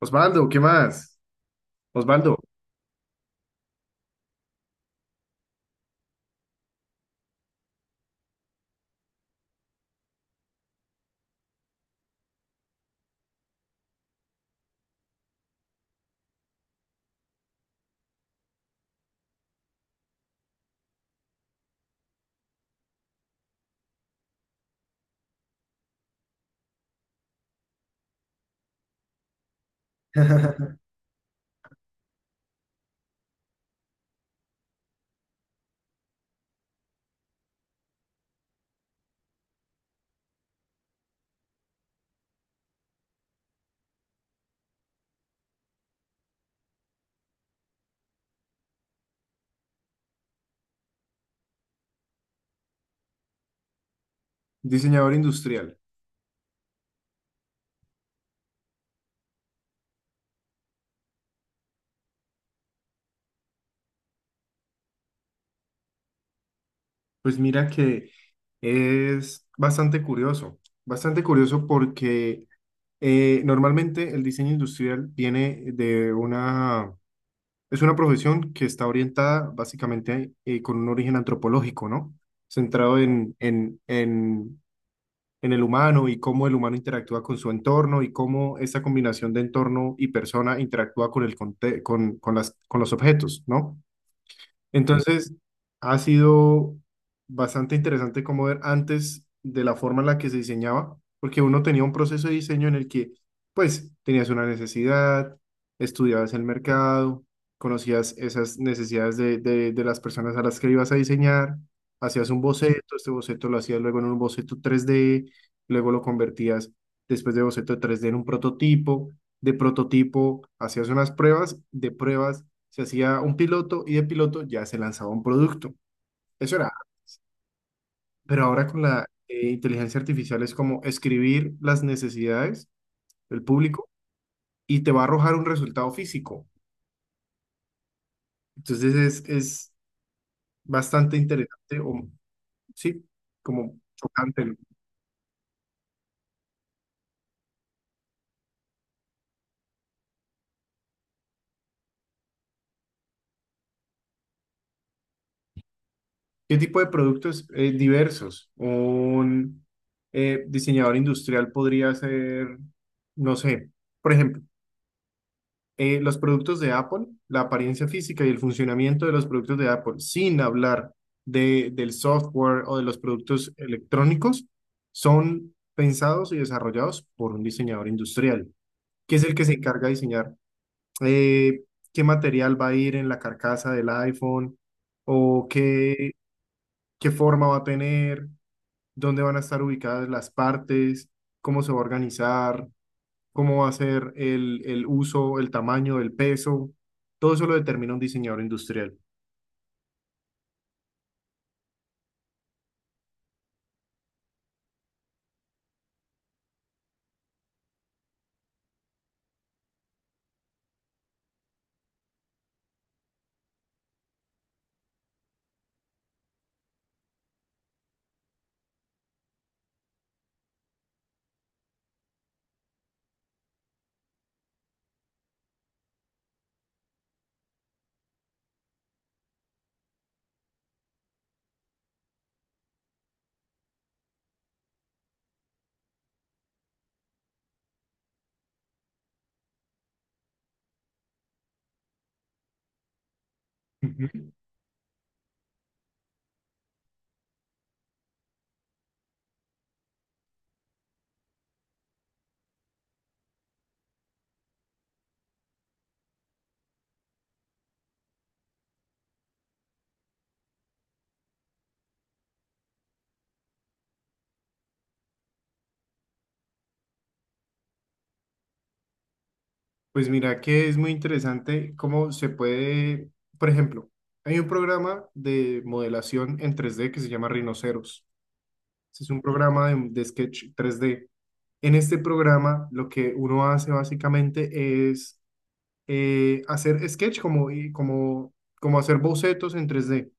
Osvaldo, ¿qué más? Osvaldo, diseñador industrial. Pues mira que es bastante curioso porque normalmente el diseño industrial viene es una profesión que está orientada básicamente, con un origen antropológico, ¿no? Centrado en el humano y cómo el humano interactúa con su entorno y cómo esa combinación de entorno y persona interactúa con con, con los objetos, ¿no? Entonces, ha sido bastante interesante como ver antes de la forma en la que se diseñaba, porque uno tenía un proceso de diseño en el que, pues, tenías una necesidad, estudiabas el mercado, conocías esas necesidades de las personas a las que ibas a diseñar, hacías un boceto, este boceto lo hacías luego en un boceto 3D, luego lo convertías, después de boceto 3D, en un prototipo, de prototipo hacías unas pruebas, de pruebas se hacía un piloto y de piloto ya se lanzaba un producto. Eso era. Pero ahora con la, inteligencia artificial, es como escribir las necesidades del público y te va a arrojar un resultado físico. Entonces es bastante interesante o sí, como chocante, ¿no? ¿Qué tipo de productos? Diversos. Un, diseñador industrial podría ser, no sé, por ejemplo, los productos de Apple, la apariencia física y el funcionamiento de los productos de Apple, sin hablar de, del software o de los productos electrónicos, son pensados y desarrollados por un diseñador industrial, que es el que se encarga de diseñar, eh, qué material va a ir en la carcasa del iPhone o qué, qué forma va a tener, dónde van a estar ubicadas las partes, cómo se va a organizar, cómo va a ser el uso, el tamaño, el peso, todo eso lo determina un diseñador industrial. Ujú. Pues mira que es muy interesante cómo se puede, por ejemplo, hay un programa de modelación en 3D que se llama Rhinoceros. Este es un programa de sketch 3D. En este programa lo que uno hace básicamente es, hacer sketch como, y como, como hacer bocetos en 3D,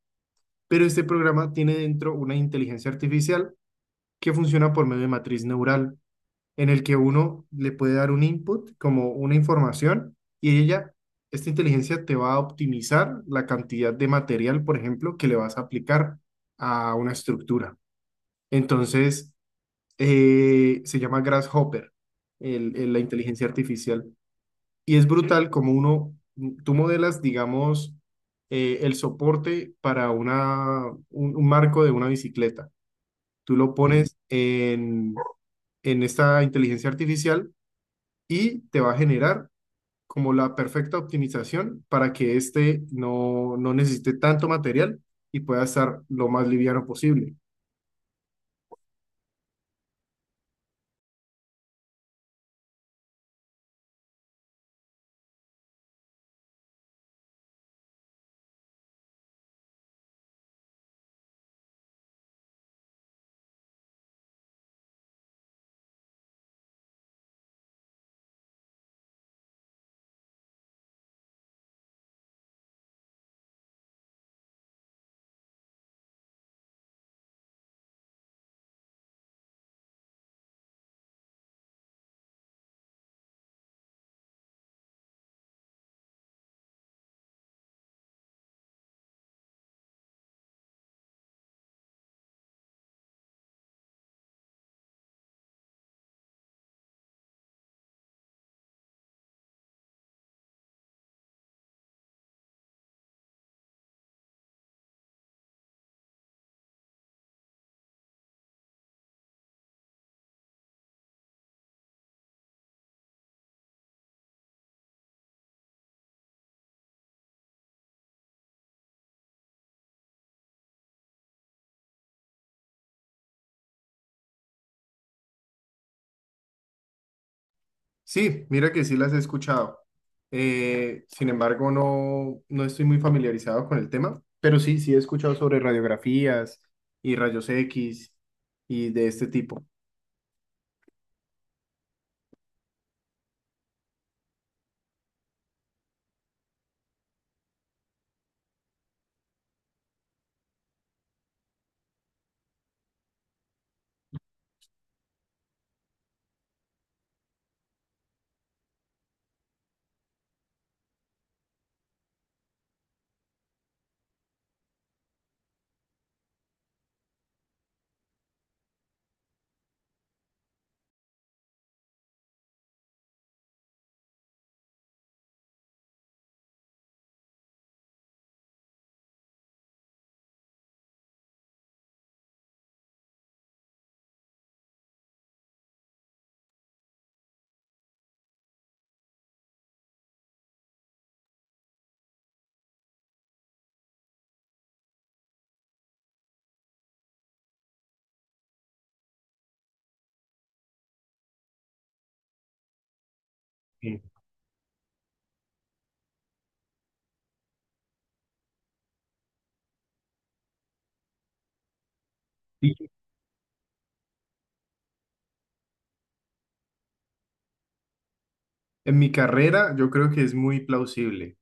pero este programa tiene dentro una inteligencia artificial que funciona por medio de matriz neural, en el que uno le puede dar un input, como una información, y ella, esta inteligencia te va a optimizar la cantidad de material, por ejemplo, que le vas a aplicar a una estructura. Entonces, se llama Grasshopper, la inteligencia artificial. Y es brutal como uno, tú modelas, digamos, el soporte para una, un marco de una bicicleta. Tú lo pones en esta inteligencia artificial y te va a generar como la perfecta optimización para que éste no, no necesite tanto material y pueda estar lo más liviano posible. Sí, mira que sí las he escuchado. Sin embargo, no, no estoy muy familiarizado con el tema, pero sí, sí he escuchado sobre radiografías y rayos X y de este tipo. Sí. Y en mi carrera, yo creo que es muy plausible.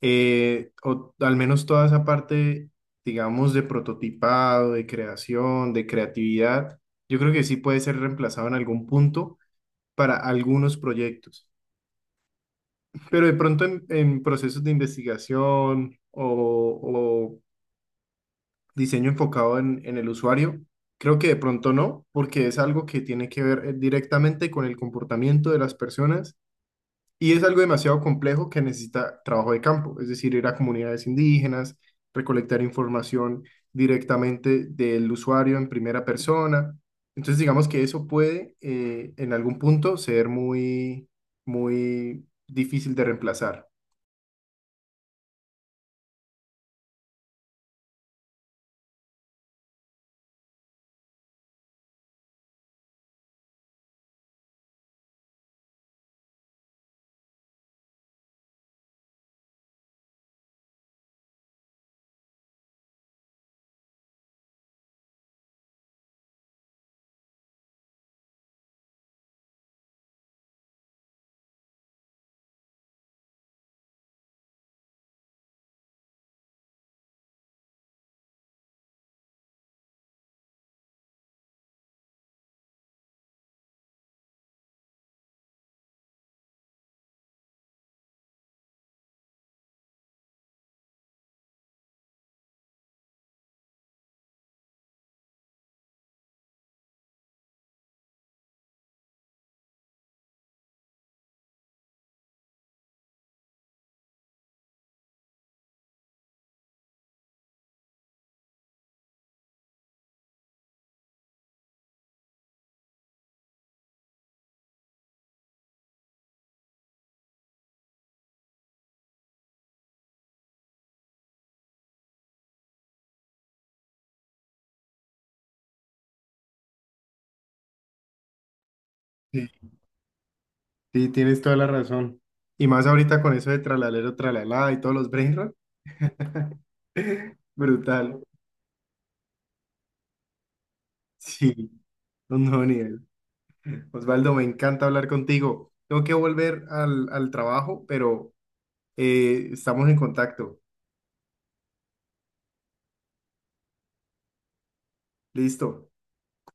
O al menos toda esa parte, digamos, de prototipado, de creación, de creatividad, yo creo que sí puede ser reemplazado en algún punto para algunos proyectos. Pero de pronto en procesos de investigación o diseño enfocado en el usuario, creo que de pronto no, porque es algo que tiene que ver, directamente con el comportamiento de las personas. Y es algo demasiado complejo que necesita trabajo de campo, es decir, ir a comunidades indígenas, recolectar información directamente del usuario en primera persona. Entonces, digamos que eso puede, en algún punto, ser muy, muy difícil de reemplazar. Sí, sí, tienes toda la razón. Y más ahorita con eso de tralalero, tralalá y todos los brain rot. Brutal. Sí, un nuevo nivel. Osvaldo, me encanta hablar contigo. Tengo que volver al, al trabajo, pero estamos en contacto. Listo.